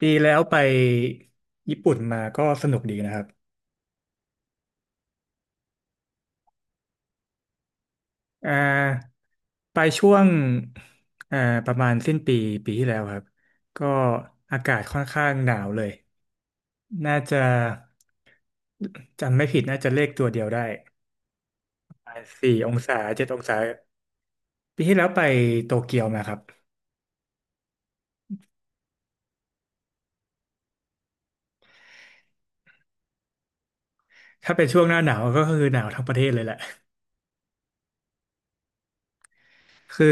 ปีแล้วไปญี่ปุ่นมาก็สนุกดีนะครับอ่าไปช่วงอ่าประมาณสิ้นปีปีที่แล้วครับก็อากาศค่อนข้างหนาวเลยน่าจะจำไม่ผิดน่าจะเลขตัวเดียวได้4 องศา7 องศาปีที่แล้วไปโตเกียวมาครับถ้าเป็นช่วงหน้าหนาวก็คือหนาวทั้งประเทศเลยแหละคือ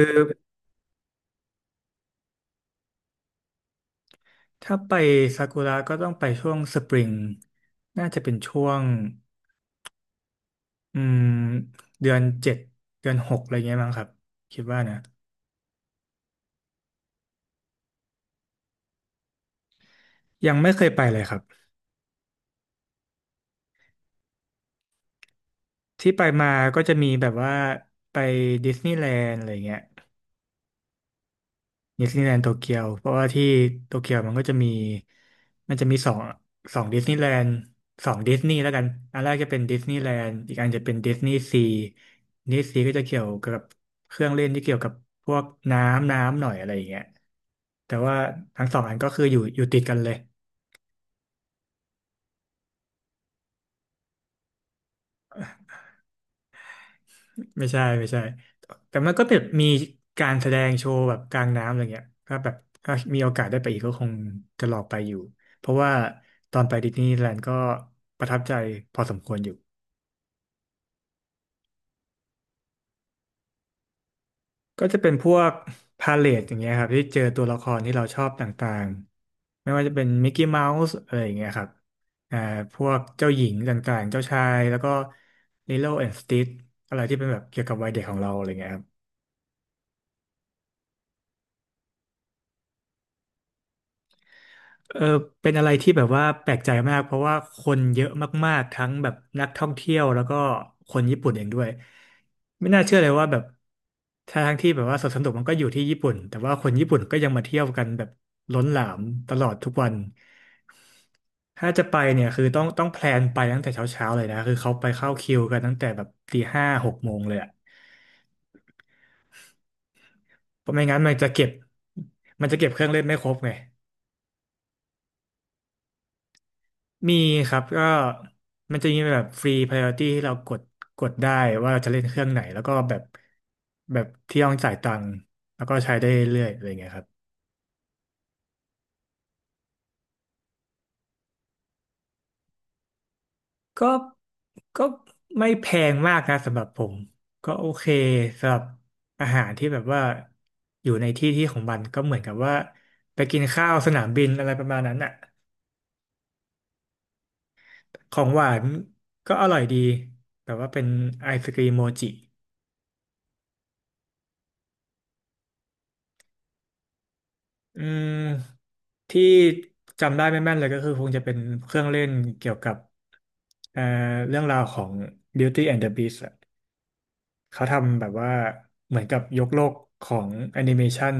ถ้าไปซากุระก็ต้องไปช่วงสปริงน่าจะเป็นช่วง อืมเดือน 7เดือน 6อะไรเงี้ยมั้งครับคิดว่านะยังไม่เคยไปเลยครับที่ไปมาก็จะมีแบบว่าไปดิสนีย์แลนด์อะไรเงี้ยดิสนีย์แลนด์โตเกียวเพราะว่าที่โตเกียวมันจะมีสองดิสนีย์แลนด์สองดิสนีย์แล้วกันอันแรกจะเป็นดิสนีย์แลนด์อีกอันจะเป็นดิสนีย์ซีดิสนีย์ซีก็จะเกี่ยวกับเครื่องเล่นที่เกี่ยวกับพวกน้ำหน่อยอะไรอย่างเงี้ยแต่ว่าทั้งสองอันก็คืออยู่ติดกันเลย ไม่ใช่ไม่ใช่แต่มันก็แบบมีการแสดงโชว์แบบกลางน้ำอะไรเงี้ยถ้าแบบถ้ามีโอกาสได้ไปอีกก็คงจะลองไปอยู่เพราะว่าตอนไปดิสนีย์แลนด์ก็ประทับใจพอสมควรอยู่ก็จะเป็นพวกพาเลทอย่างเงี้ยครับที่เจอตัวละครที่เราชอบต่างๆไม่ว่าจะเป็นมิกกี้เมาส์อะไรอย่างเงี้ยครับอ่าพวกเจ้าหญิงต่างๆเจ้าชายแล้วก็ลิโลแอนด์สติทอะไรที่เป็นแบบเกี่ยวกับวัยเด็กของเราอะไรเงี้ยครับ เออเป็นอะไรที่แบบว่าแปลกใจมากเพราะว่าคนเยอะมากๆทั้งแบบนักท่องเที่ยวแล้วก็คนญี่ปุ่นเองด้วยไม่น่าเชื่อเลยว่าแบบทั้งที่แบบว่าสวนสนุกมันก็อยู่ที่ญี่ปุ่นแต่ว่าคนญี่ปุ่นก็ยังมาเที่ยวกันแบบล้นหลามตลอดทุกวันถ้าจะไปเนี่ยคือต้องแพลนไปตั้งแต่เช้าๆเลยนะคือเขาไปเข้าคิวกันตั้งแต่แบบตี 56 โมงเลยอะเพราะไม่งั้นมันจะเก็บเครื่องเล่นไม่ครบไง มีครับก็มันจะมีแบบฟรี priority ที่เรากดได้ว่าเราจะเล่นเครื่องไหนแล้วก็แบบแบบที่ต้องจ่ายตังค์แล้วก็ใช้ได้เรื่อยๆอะไรเงี้ยครับก็ก็ไม่แพงมากนะสำหรับผมก็โอเคสำหรับอาหารที่แบบว่าอยู่ในที่ที่ของมันก็เหมือนกับว่าไปกินข้าวสนามบินอะไรประมาณนั้นอ่ะของหวานก็อร่อยดีแต่ว่าเป็นไอศกรีมโมจิ อืมที่จำได้ไม่แม่นเลยก็คือคงจะเป็นเครื่องเล่นเกี่ยวกับเอ่อเรื่องราวของ Beauty and the Beast อะเขาทำแบบว่าเหมือนกับยกโลกของแอนิเมชัน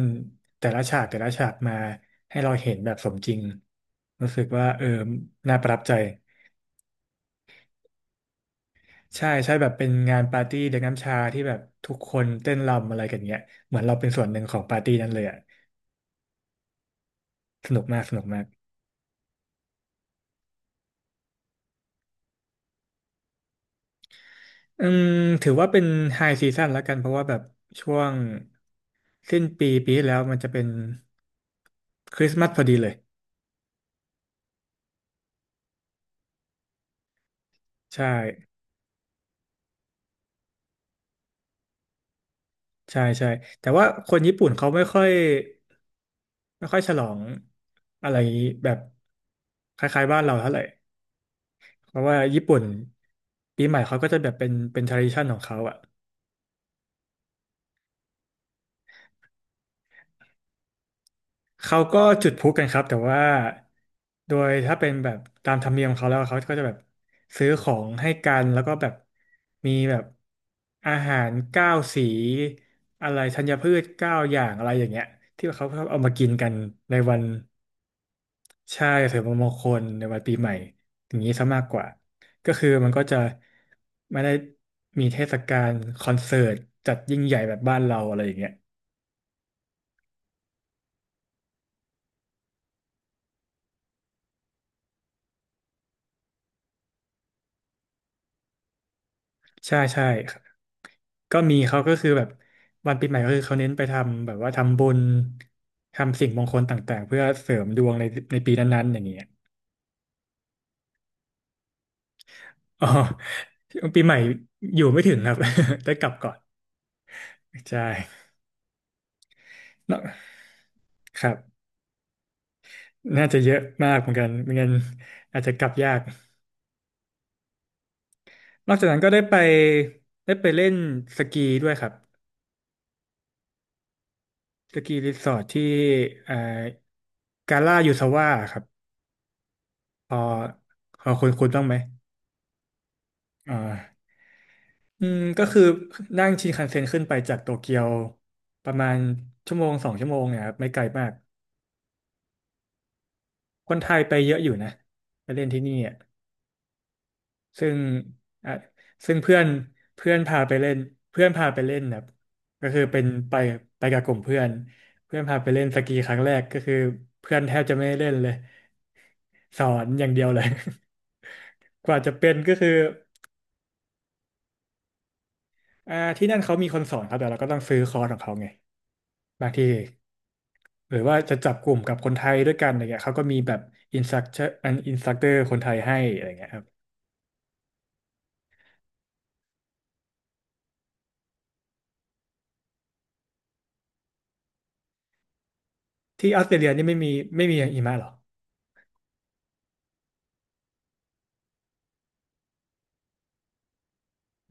แต่ละฉากแต่ละฉากมาให้เราเห็นแบบสมจริงรู้สึกว่าเออน่าประทับใจใช่ใช่แบบเป็นงานปาร์ตี้เด็กน้ำชาที่แบบทุกคนเต้นรำอะไรกันเงี้ยเหมือนเราเป็นส่วนหนึ่งของปาร์ตี้นั้นเลยอะสนุกมากสนุกมาก อืมถือว่าเป็นไฮซีซั่นแล้วกันเพราะว่าแบบช่วงสิ้นปีปีที่แล้วมันจะเป็นคริสต์มาสพอดีเลยใช่ใช่ใช่แต่ว่าคนญี่ปุ่นเขาไม่ค่อยฉลองอะไรแบบคล้ายๆบ้านเราเท่าไหร่เพราะว่าญี่ปุ่นปีใหม่เขาก็จะแบบเป็น tradition ของเขาอะ เขาก็จุดพลุกันครับแต่ว่าโดยถ้าเป็นแบบตามธรรมเนียมของเขาแล้วเขาก็จะแบบซื้อของให้กันแล้วก็แบบมีแบบอาหารเก้าสีอะไรธัญพืช9 อย่างอะไรอย่างเงี้ยที่เขาชอบเอามากินกันในวันใช่เสริมมงคลในวันปีใหม่อย่างนี้ซะมากกว่าก็คือมันก็จะไม่ได้มีเทศกาลคอนเสิร์ตจัดยิ่งใหญ่แบบบ้านเราอะไรอย่างเงี้ย ใช่ใช่ครับก็มีเขาก็คือแบบวันปีใหม่ก็คือเขาเน้นไปทำแบบว่าทำบุญทำสิ่งมงคลต่างๆเพื่อเสริมดวงในปีนั้นๆอย่างเงี้ย อ๋อปีใหม่อยู่ไม่ถึงครับ ได้กลับก่อนใช่เนอะครับน่าจะเยอะมากเหมือนกันไม่งั้นอาจจะกลับยากนอกจากนั้นก็ได้ไปเล่นสกีด้วยครับสกีรีสอร์ทที่เอ่อกาล่ายูซาว่าครับพอพอคุณต้องไหม อ่าอืมก็คือนั่งชินคันเซ็นขึ้นไปจากโตเกียวประมาณชั่วโมงสองชั่วโมงเนี่ยครับไม่ไกลมากคนไทยไปเยอะอยู่นะไปเล่นที่นี่อ่ะซึ่งอ่ะซึ่งเพื่อนเพื่อนพาไปเล่นเพื่อนพาไปเล่นแบบก็คือเป็นไปไปกับกลุ่มเพื่อนเพื่อนพาไปเล่นสกีครั้งแรกก็คือเพื่อนแทบจะไม่ได้เล่นเลยสอนอย่างเดียวเลย กว่าจะเป็นก็คือที่นั่นเขามีคนสอนครับแต่เราก็ต้องซื้อคอร์สของเขาไงบางที หรือว่าจะจับกลุ่มกับคนไทยด้วยกันอะไรเงี้ยเขาก็มีแบบอินสตัคเตอร์คนไทยให้อะไรเงี้ยครับที่ออสเตรเลียนี่ไม่มีหิมะเหรอ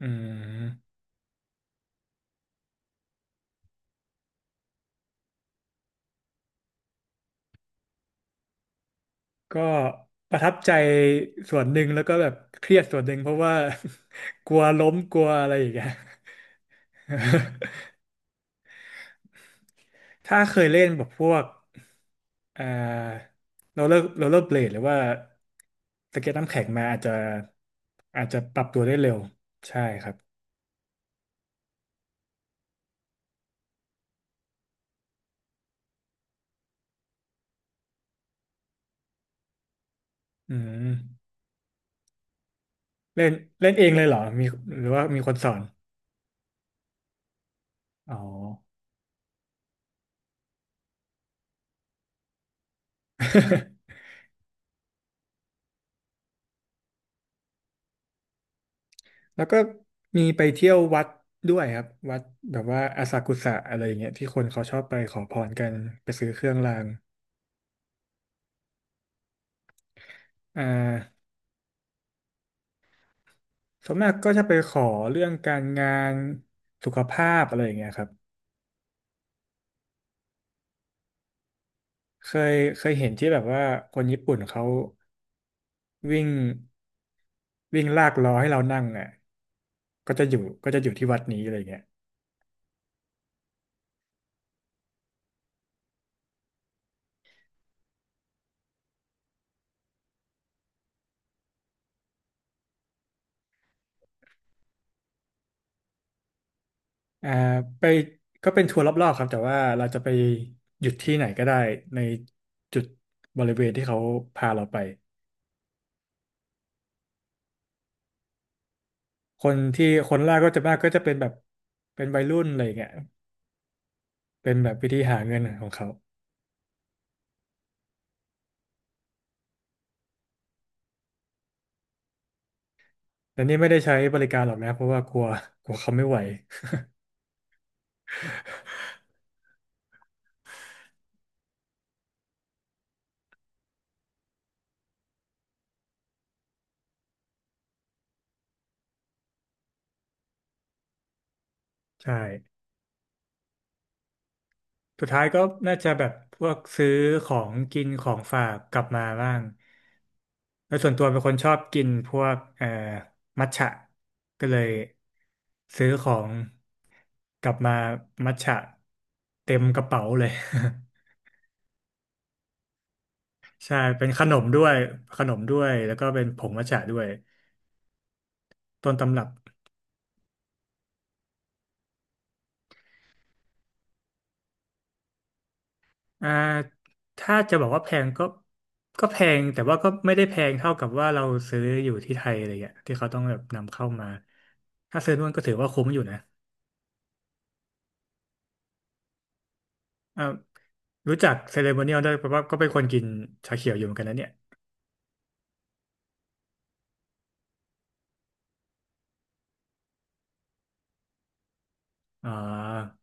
อืมก็ประทับใจส่วนหนึ่งแล้วก็แบบเครียดส่วนหนึ่งเพราะว่า กลัวล้มกลัวอะไรอย่างเงี้ย ถ้าเคยเล่นแบบพวกเอ่อโรลเลอร์เบลดหรือว่าสเก็ตน้ำแข็งมาอาจจะปรับตัวได้เร็วใช่ครับอืม เล่นเล่นเองเลยเหรอมีหรือว่ามีคนสอนอ๋อ แล้วก็มีไปเที่ยววัดด้วยครับวัดแบบว่าอาซากุสะอะไรอย่างเงี้ยที่คนเขาชอบไปขอพรกันไปซื้อเครื่องรางอ่าส่วนมากก็จะไปขอเรื่องการงานสุขภาพอะไรอย่างเงี้ยครับเคยเห็นที่แบบว่าคนญี่ปุ่นเขาวิ่งวิ่งลากล้อให้เรานั่งอ่ะก็จะอยู่ก็จะอยู่ที่วัดนี้อะไรอย่างเงี้ย อ่าไปก็เป็นทัวร์รอบๆครับแต่ว่าเราจะไปหยุดที่ไหนก็ได้ในจุดบริเวณที่เขาพาเราไปคนที่คนแรกก็จะมากก็จะเป็นแบบเป็นวัยรุ่นอะไรอย่างเงี้ยเป็นแบบวิธีหาเงินของเขาแต่นี่ไม่ได้ใช้บริการหรอกนะเพราะว่ากลัวกลัวเขาไม่ไหวใช่ สุดท้ายก็น่าจะแบบพวกซื้อของกินของฝากกลับมาบ้างแล้วส่วนตัวเป็นคนชอบกินพวกมัทฉะก็เลยซื้อของกลับมามัทฉะเต็มกระเป๋าเลย ใช่เป็นขนมด้วยขนมด้วยแล้วก็เป็นผงมัทฉะด้วยต้นตำรับ อ่าถ้าจะบอกว่าแพงก็แพงแต่ว่าก็ไม่ได้แพงเท่ากับว่าเราซื้ออยู่ที่ไทยอะไรเงี้ยที่เขาต้องแบบนำเข้ามาถ้าซื้อนู่นก็ถือว่าคุ้มอยู่นะอ่ารู้จักเซเลโมเนียลด้วยเพราะว่าก็เป็นคนกินชาเขียวอยู่เหมือนกันนะเนี่ยอ่า